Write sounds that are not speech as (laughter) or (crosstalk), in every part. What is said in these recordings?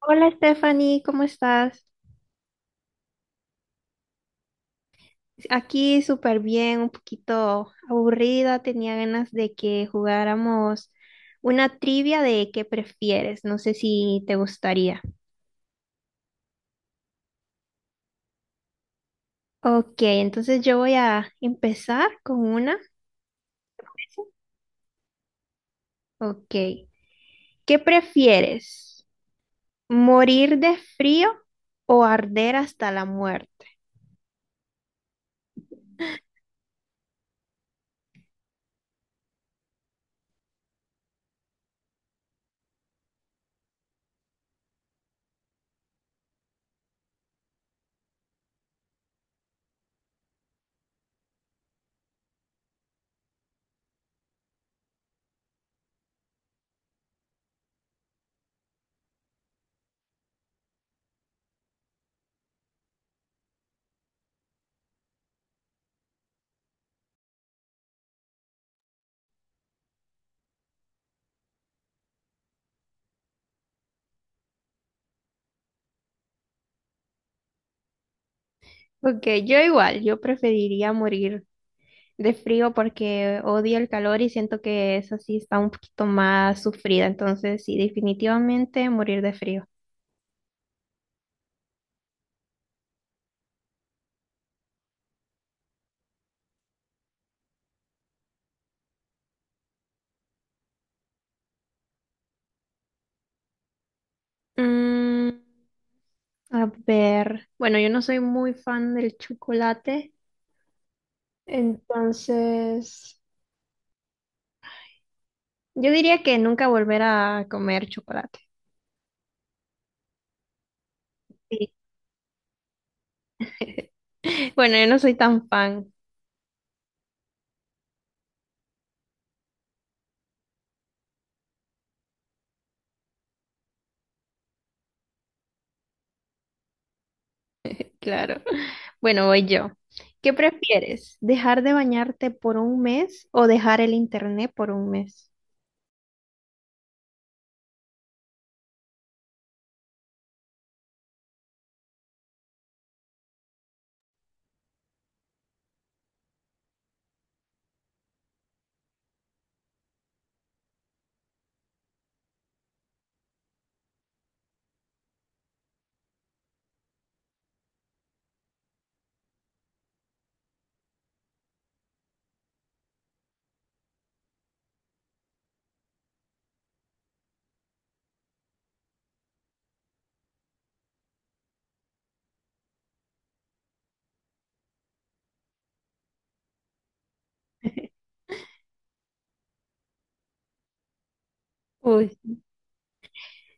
Hola Stephanie, ¿cómo estás? Aquí súper bien, un poquito aburrida, tenía ganas de que jugáramos una trivia de qué prefieres, no sé si te gustaría. Ok, entonces yo voy a empezar con una. Ok, ¿qué prefieres? ¿Morir de frío o arder hasta la muerte? Ok, yo igual, yo preferiría morir de frío porque odio el calor y siento que esa sí está un poquito más sufrida. Entonces, sí, definitivamente morir de frío. Mm, a ver, bueno, yo no soy muy fan del chocolate, entonces yo diría que nunca volver a comer chocolate. Sí. (laughs) Bueno, yo no soy tan fan, claro. Bueno, voy yo. ¿Qué prefieres? ¿Dejar de bañarte por un mes o dejar el internet por un mes? (laughs) Uy.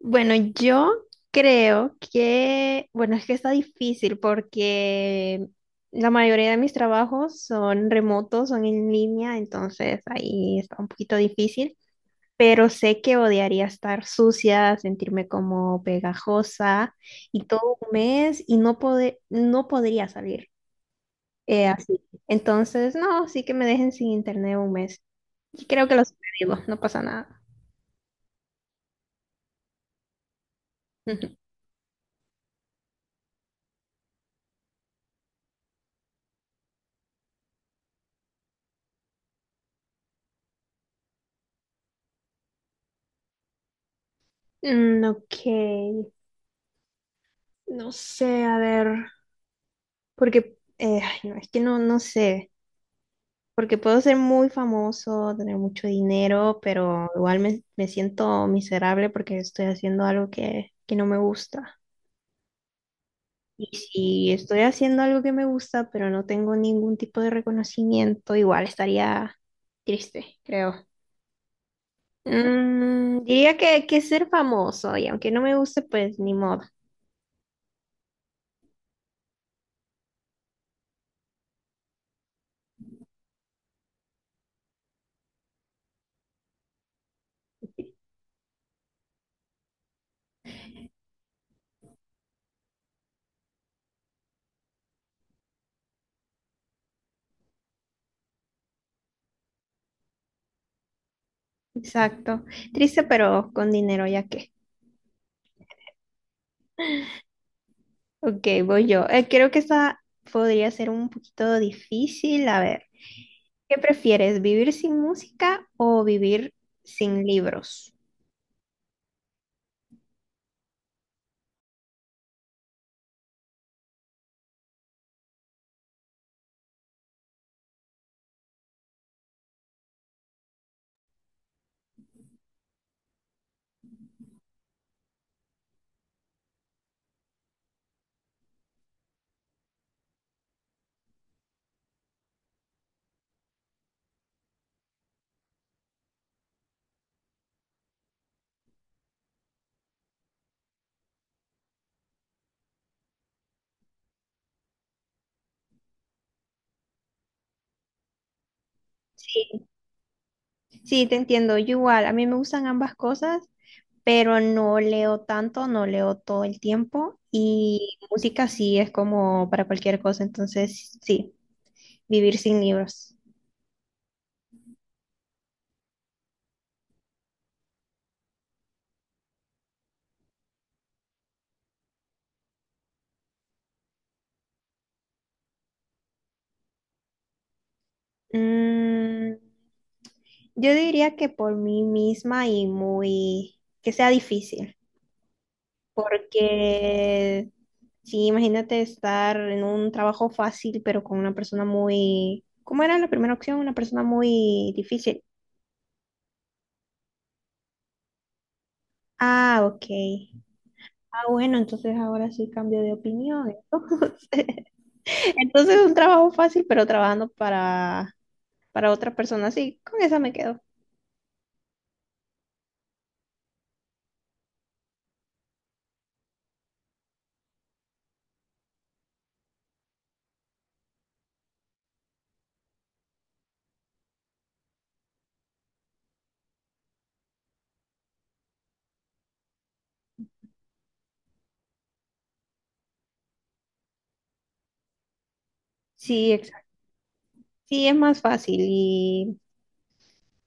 Bueno, yo creo que, bueno, es que está difícil porque la mayoría de mis trabajos son remotos, son en línea, entonces ahí está un poquito difícil, pero sé que odiaría estar sucia, sentirme como pegajosa y todo un mes y no podría salir así. Entonces, no, sí que me dejen sin internet un mes. Y creo que lo sobrevivo, no pasa nada. (laughs) Mm, ok. No sé, a ver, porque ay, no, es que no, no sé, porque puedo ser muy famoso, tener mucho dinero, pero igual me siento miserable porque estoy haciendo algo que no me gusta. Y si estoy haciendo algo que me gusta, pero no tengo ningún tipo de reconocimiento, igual estaría triste, creo. Mm, diría que ser famoso, y aunque no me guste, pues ni modo. Exacto. Triste, pero con dinero, ya que. Ok, voy yo. Creo que esta podría ser un poquito difícil. A ver, ¿qué prefieres, vivir sin música o vivir sin libros? Sí, sí, te entiendo. Yo igual, a mí me gustan ambas cosas, pero no leo tanto, no leo todo el tiempo y música sí es como para cualquier cosa, entonces sí, vivir sin libros. Mm, yo diría que por mí misma y muy, que sea difícil, porque sí, imagínate estar en un trabajo fácil, pero con una persona muy, ¿cómo era la primera opción? Una persona muy difícil. Ah, ok. Ah, bueno, entonces ahora sí cambio de opinión. (laughs) Entonces un trabajo fácil, pero trabajando para otra persona, sí, con esa me quedo. Sí, exacto. Sí, es más fácil y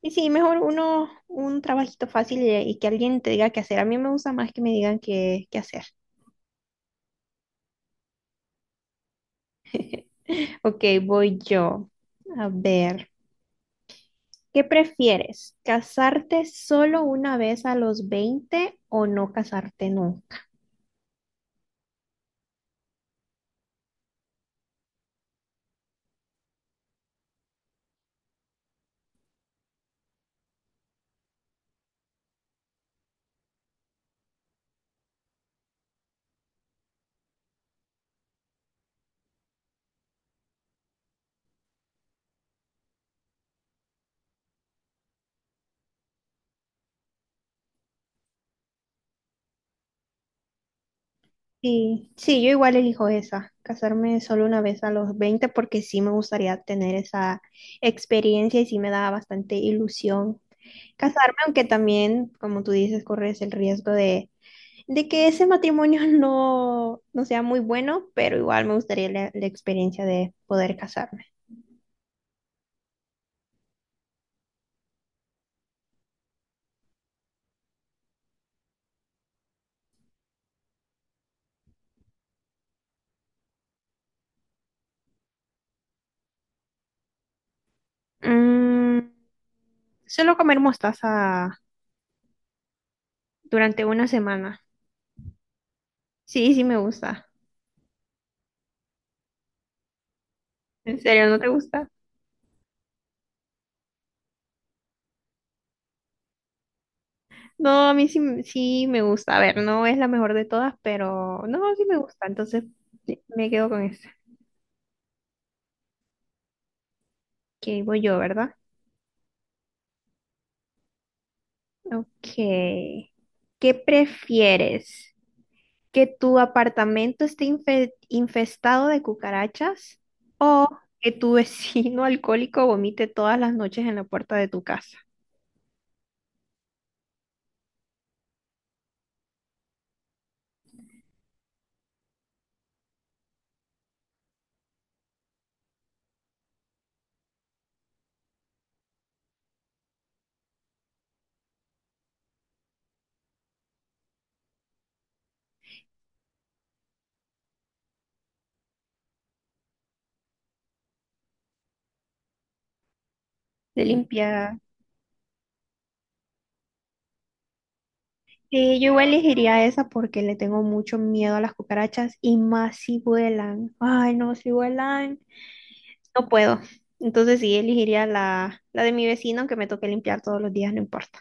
Y sí, mejor uno, un trabajito fácil y que alguien te diga qué hacer. A mí me gusta más que me digan qué hacer. Ok, voy yo. A ver, ¿qué prefieres? ¿Casarte solo una vez a los 20 o no casarte nunca? Sí, sí, yo igual elijo esa, casarme solo una vez a los 20 porque sí me gustaría tener esa experiencia y sí me da bastante ilusión casarme, aunque también, como tú dices, corres el riesgo de que ese matrimonio (laughs) no sea muy bueno, pero igual me gustaría la experiencia de poder casarme. Mm, solo comer mostaza durante una semana. Sí, sí me gusta. ¿En serio no te gusta? No, a mí sí, sí me gusta. A ver, no es la mejor de todas, pero no, sí me gusta. Entonces sí, me quedo con esta. Que voy yo, ¿verdad? Ok. ¿Qué prefieres? Que tu apartamento infestado de cucarachas o que tu vecino (laughs) alcohólico vomite todas las noches en la puerta de tu casa. De limpiar. Sí, yo igual elegiría esa porque le tengo mucho miedo a las cucarachas y más si vuelan. Ay, no, si vuelan, no puedo. Entonces sí, elegiría la de mi vecino, aunque me toque limpiar todos los días, no importa.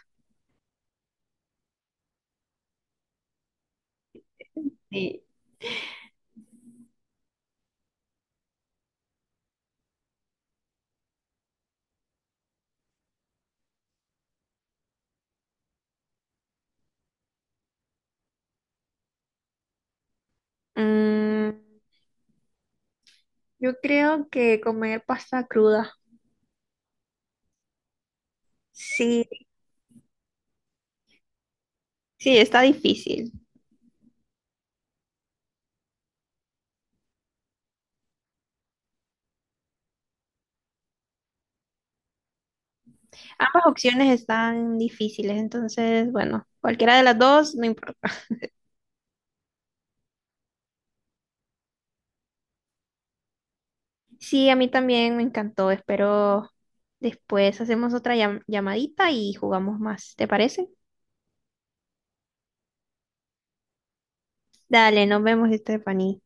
Sí. Mm, yo creo que comer pasta cruda. Sí, sí, está difícil. Ambas opciones están difíciles, entonces, bueno, cualquiera de las dos, no importa. (laughs) Sí, a mí también me encantó. Espero después hacemos otra llamadita y jugamos más. ¿Te parece? Dale, nos vemos, Stephanie.